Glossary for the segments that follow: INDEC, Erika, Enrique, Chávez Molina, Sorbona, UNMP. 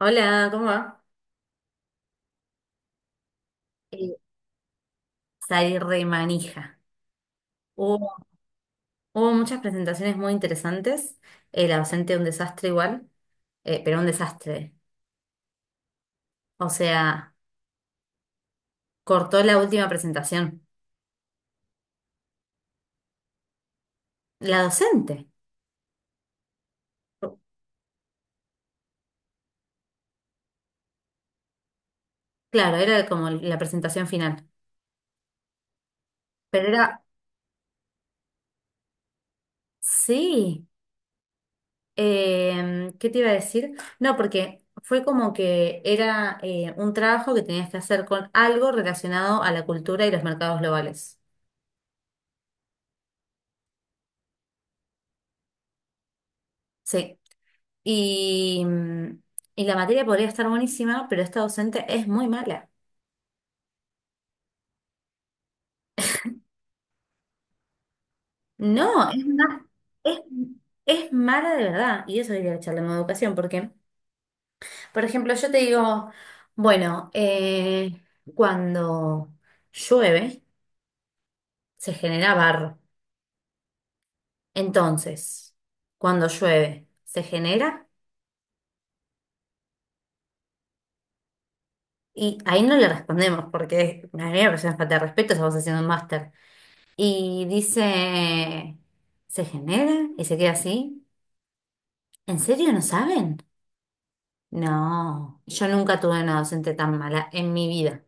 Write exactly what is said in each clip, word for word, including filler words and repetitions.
Hola, ¿cómo va? Eh, Salí re manija. Hubo, hubo muchas presentaciones muy interesantes. Eh, la docente un desastre igual, eh, pero un desastre. O sea, cortó la última presentación. La docente. Claro, era como la presentación final. Pero era, sí. Eh, ¿qué te iba a decir? No, porque fue como que era eh, un trabajo que tenías que hacer con algo relacionado a la cultura y los mercados globales. Sí. Y, mm, y la materia podría estar buenísima, pero esta docente es muy mala. No, es ma- es, es mala de verdad. Y eso diría echarle en educación, porque, por ejemplo, yo te digo, bueno, eh, cuando llueve se genera barro. Entonces, cuando llueve se genera, y ahí no le respondemos, porque a mí me parece una falta de respeto, estamos haciendo un máster. Y dice, se genera y se queda así. ¿En serio no saben? No, yo nunca tuve una docente tan mala en mi vida,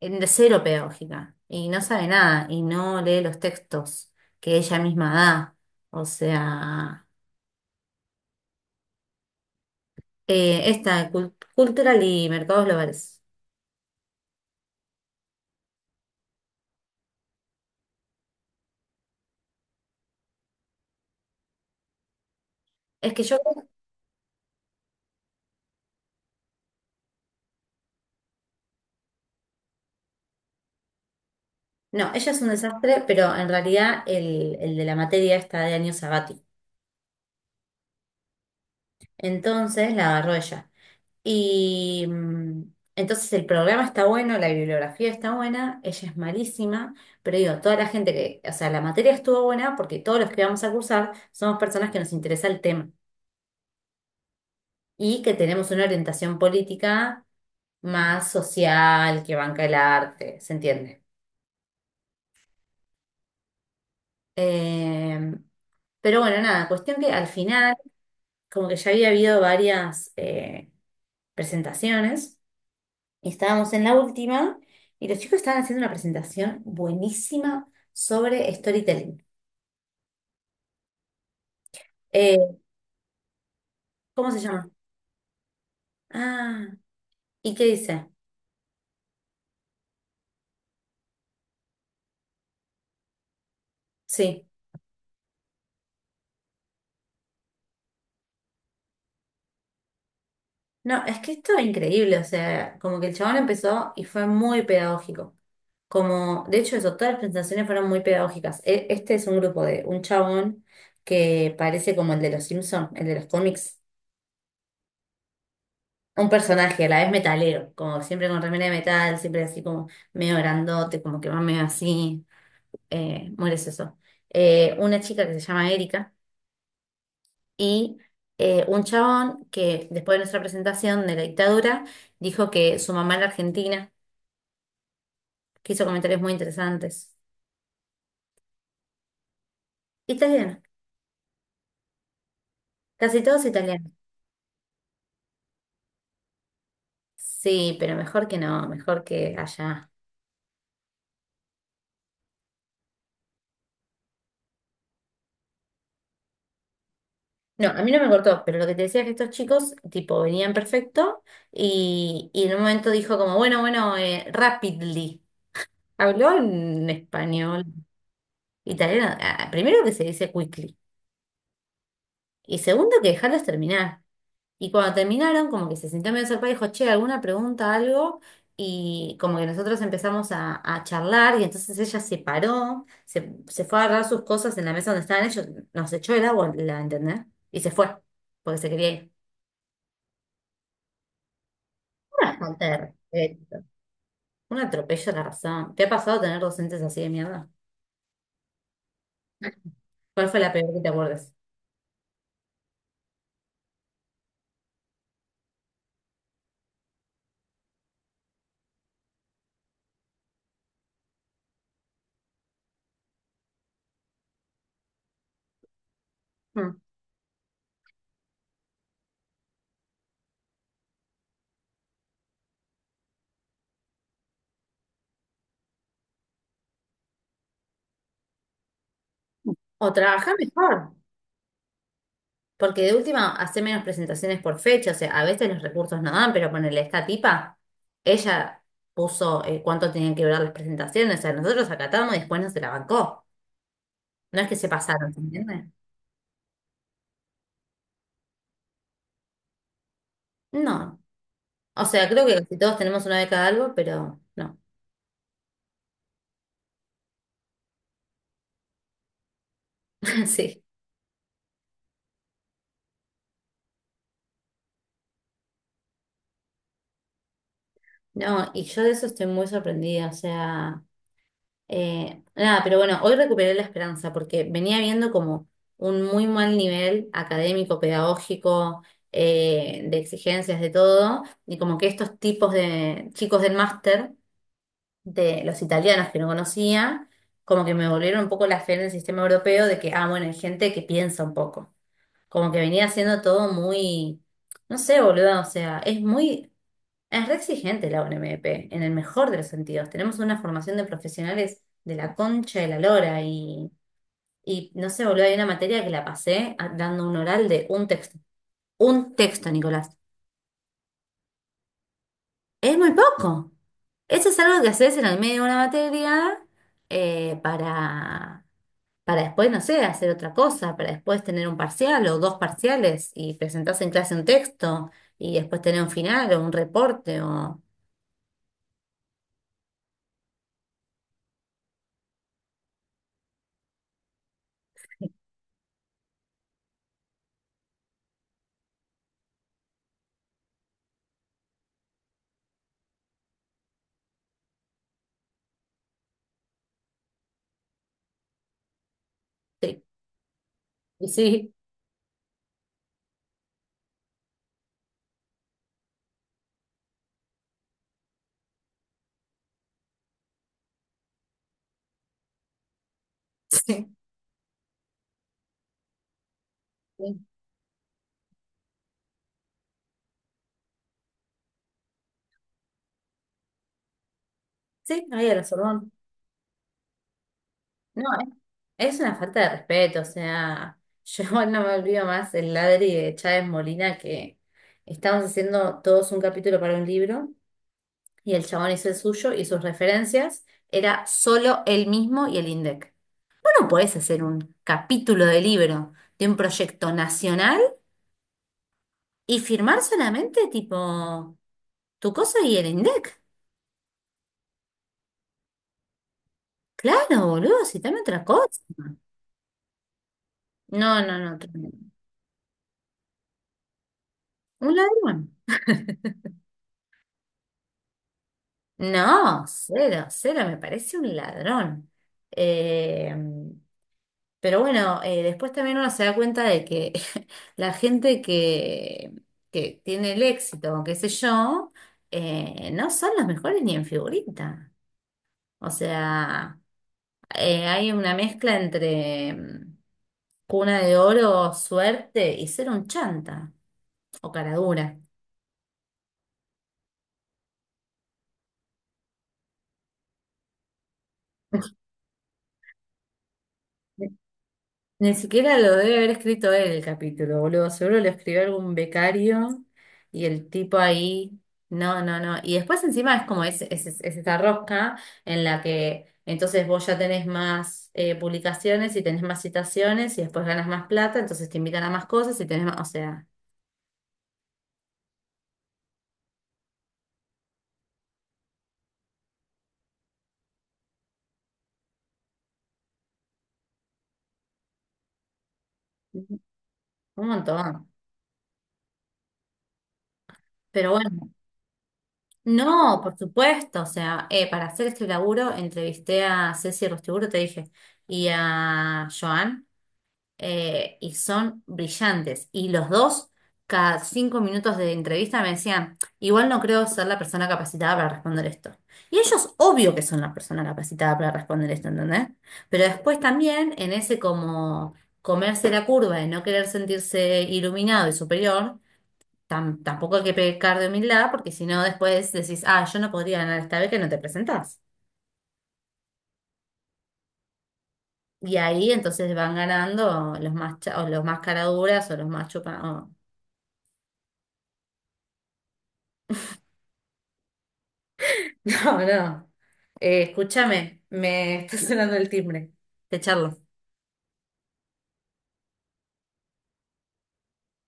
en de cero pedagógica, y no sabe nada, y no lee los textos que ella misma da. O sea, eh, esta cul- cultural y mercados globales. Es que yo, no, ella es un desastre, pero en realidad el, el de la materia está de año sabático. Entonces la agarró ella. Y mm, entonces el programa está bueno, la bibliografía está buena, ella es malísima, pero digo, toda la gente que, o sea, la materia estuvo buena porque todos los que vamos a cursar somos personas que nos interesa el tema y que tenemos una orientación política más social, que banca el arte, ¿se entiende? Eh, pero bueno, nada, cuestión que al final, como que ya había habido varias eh, presentaciones. Estábamos en la última y los chicos estaban haciendo una presentación buenísima sobre storytelling. Eh, ¿Cómo se llama? Ah, ¿y qué dice? Sí. No, es que esto es increíble, o sea, como que el chabón empezó y fue muy pedagógico. Como, de hecho, eso, todas las presentaciones fueron muy pedagógicas. E- Este es un grupo de un chabón que parece como el de los Simpson el de los cómics. Un personaje, a la vez metalero, como siempre con remera de metal, siempre así como medio grandote, como que va medio así. Eh, mueres eso. Eh, una chica que se llama Erika y eh, un chabón que después de nuestra presentación de la dictadura dijo que su mamá era argentina, que hizo comentarios muy interesantes. Italiana, casi todos italianos. Sí, pero mejor que no, mejor que allá. No, a mí no me cortó, pero lo que te decía es que estos chicos, tipo, venían perfecto y, y en un momento dijo como, bueno, bueno, eh, rapidly. Habló en español, italiano, ah, primero que se dice quickly. Y segundo, que dejarlos terminar. Y cuando terminaron, como que se sintió medio sorpresa y dijo, che, ¿alguna pregunta, algo? Y como que nosotros empezamos a, a charlar y entonces ella se paró, se, se fue a agarrar sus cosas en la mesa donde estaban ellos, nos echó el agua, la entendés, y se fue, porque se quería ir. Una falta de respeto, un atropello a la razón. ¿Te ha pasado tener docentes así de mierda? ¿Cuál fue la peor que te acuerdas? Mm. O trabajar mejor. Porque de última, hace menos presentaciones por fecha, o sea, a veces los recursos no dan, pero ponele esta tipa, ella puso eh, cuánto tenían que durar las presentaciones, o sea, nosotros acatamos y después no se la bancó. No es que se pasaron, ¿se entiende? No. O sea, creo que casi todos tenemos una beca de algo, pero no. Sí. No, y yo de eso estoy muy sorprendida, o sea. Eh, nada, pero bueno, hoy recuperé la esperanza porque venía viendo como un muy mal nivel académico, pedagógico, eh, de exigencias, de todo, y como que estos tipos de chicos del máster, de los italianos que no conocía, como que me volvieron un poco la fe en el sistema europeo de que, ah, bueno, hay gente que piensa un poco, como que venía siendo todo muy, no sé, boludo, o sea, es muy... Es re exigente la U N M P, en el mejor de los sentidos. Tenemos una formación de profesionales de la concha de la lora y, y no sé, boludo, hay una materia que la pasé a- dando un oral de un texto. Un texto, Nicolás. Es muy poco. Eso es algo que haces en el medio de una materia eh, para, para después, no sé, hacer otra cosa, para después tener un parcial o dos parciales y presentarse en clase un texto y después tener un final o un reporte o... Sí, y sí, sí. Sí, ahí a la Sorbona. No, es, es una falta de respeto, o sea, yo igual no me olvido más el ladri de Chávez Molina que estábamos haciendo todos un capítulo para un libro y el chabón hizo el suyo y sus referencias era solo él mismo y el INDEC. Vos no podés hacer un capítulo de libro de un proyecto nacional y firmar solamente tipo tu cosa y el INDEC. Claro, boludo, citame otra cosa. No, no, no, tremendo. Un ladrón. No, cero, cero, me parece un ladrón. Eh, pero bueno, eh, después también uno se da cuenta de que la gente que, que tiene el éxito, o qué sé yo, eh, no son los mejores ni en figurita. O sea, eh, hay una mezcla entre mm, cuna de oro, suerte y ser un chanta o cara dura. Ni siquiera lo debe haber escrito él el capítulo, boludo. Seguro lo escribió algún becario y el tipo ahí. No, no, no. Y después encima es como es, es, es esta rosca en la que entonces vos ya tenés más eh, publicaciones y tenés más citaciones y después ganas más plata, entonces te invitan a más cosas y tenés más, o sea, un montón. Pero bueno, no, por supuesto. O sea, eh, para hacer este laburo entrevisté a Ceci Rostiburo, te dije, y a Joan. Eh, y son brillantes. Y los dos, cada cinco minutos de entrevista me decían, igual no creo ser la persona capacitada para responder esto. Y ellos, obvio que son la persona capacitada para responder esto, ¿entendés? Pero después también en ese como comerse la curva de no querer sentirse iluminado y superior, tam- tampoco hay que pecar de humildad, porque si no después decís, ah, yo no podría ganar esta vez que no te presentás. Y ahí entonces van ganando los más, cha- o los más caraduras o los más chupa, No, no. Eh, escúchame, me está sonando el timbre. Te charlo.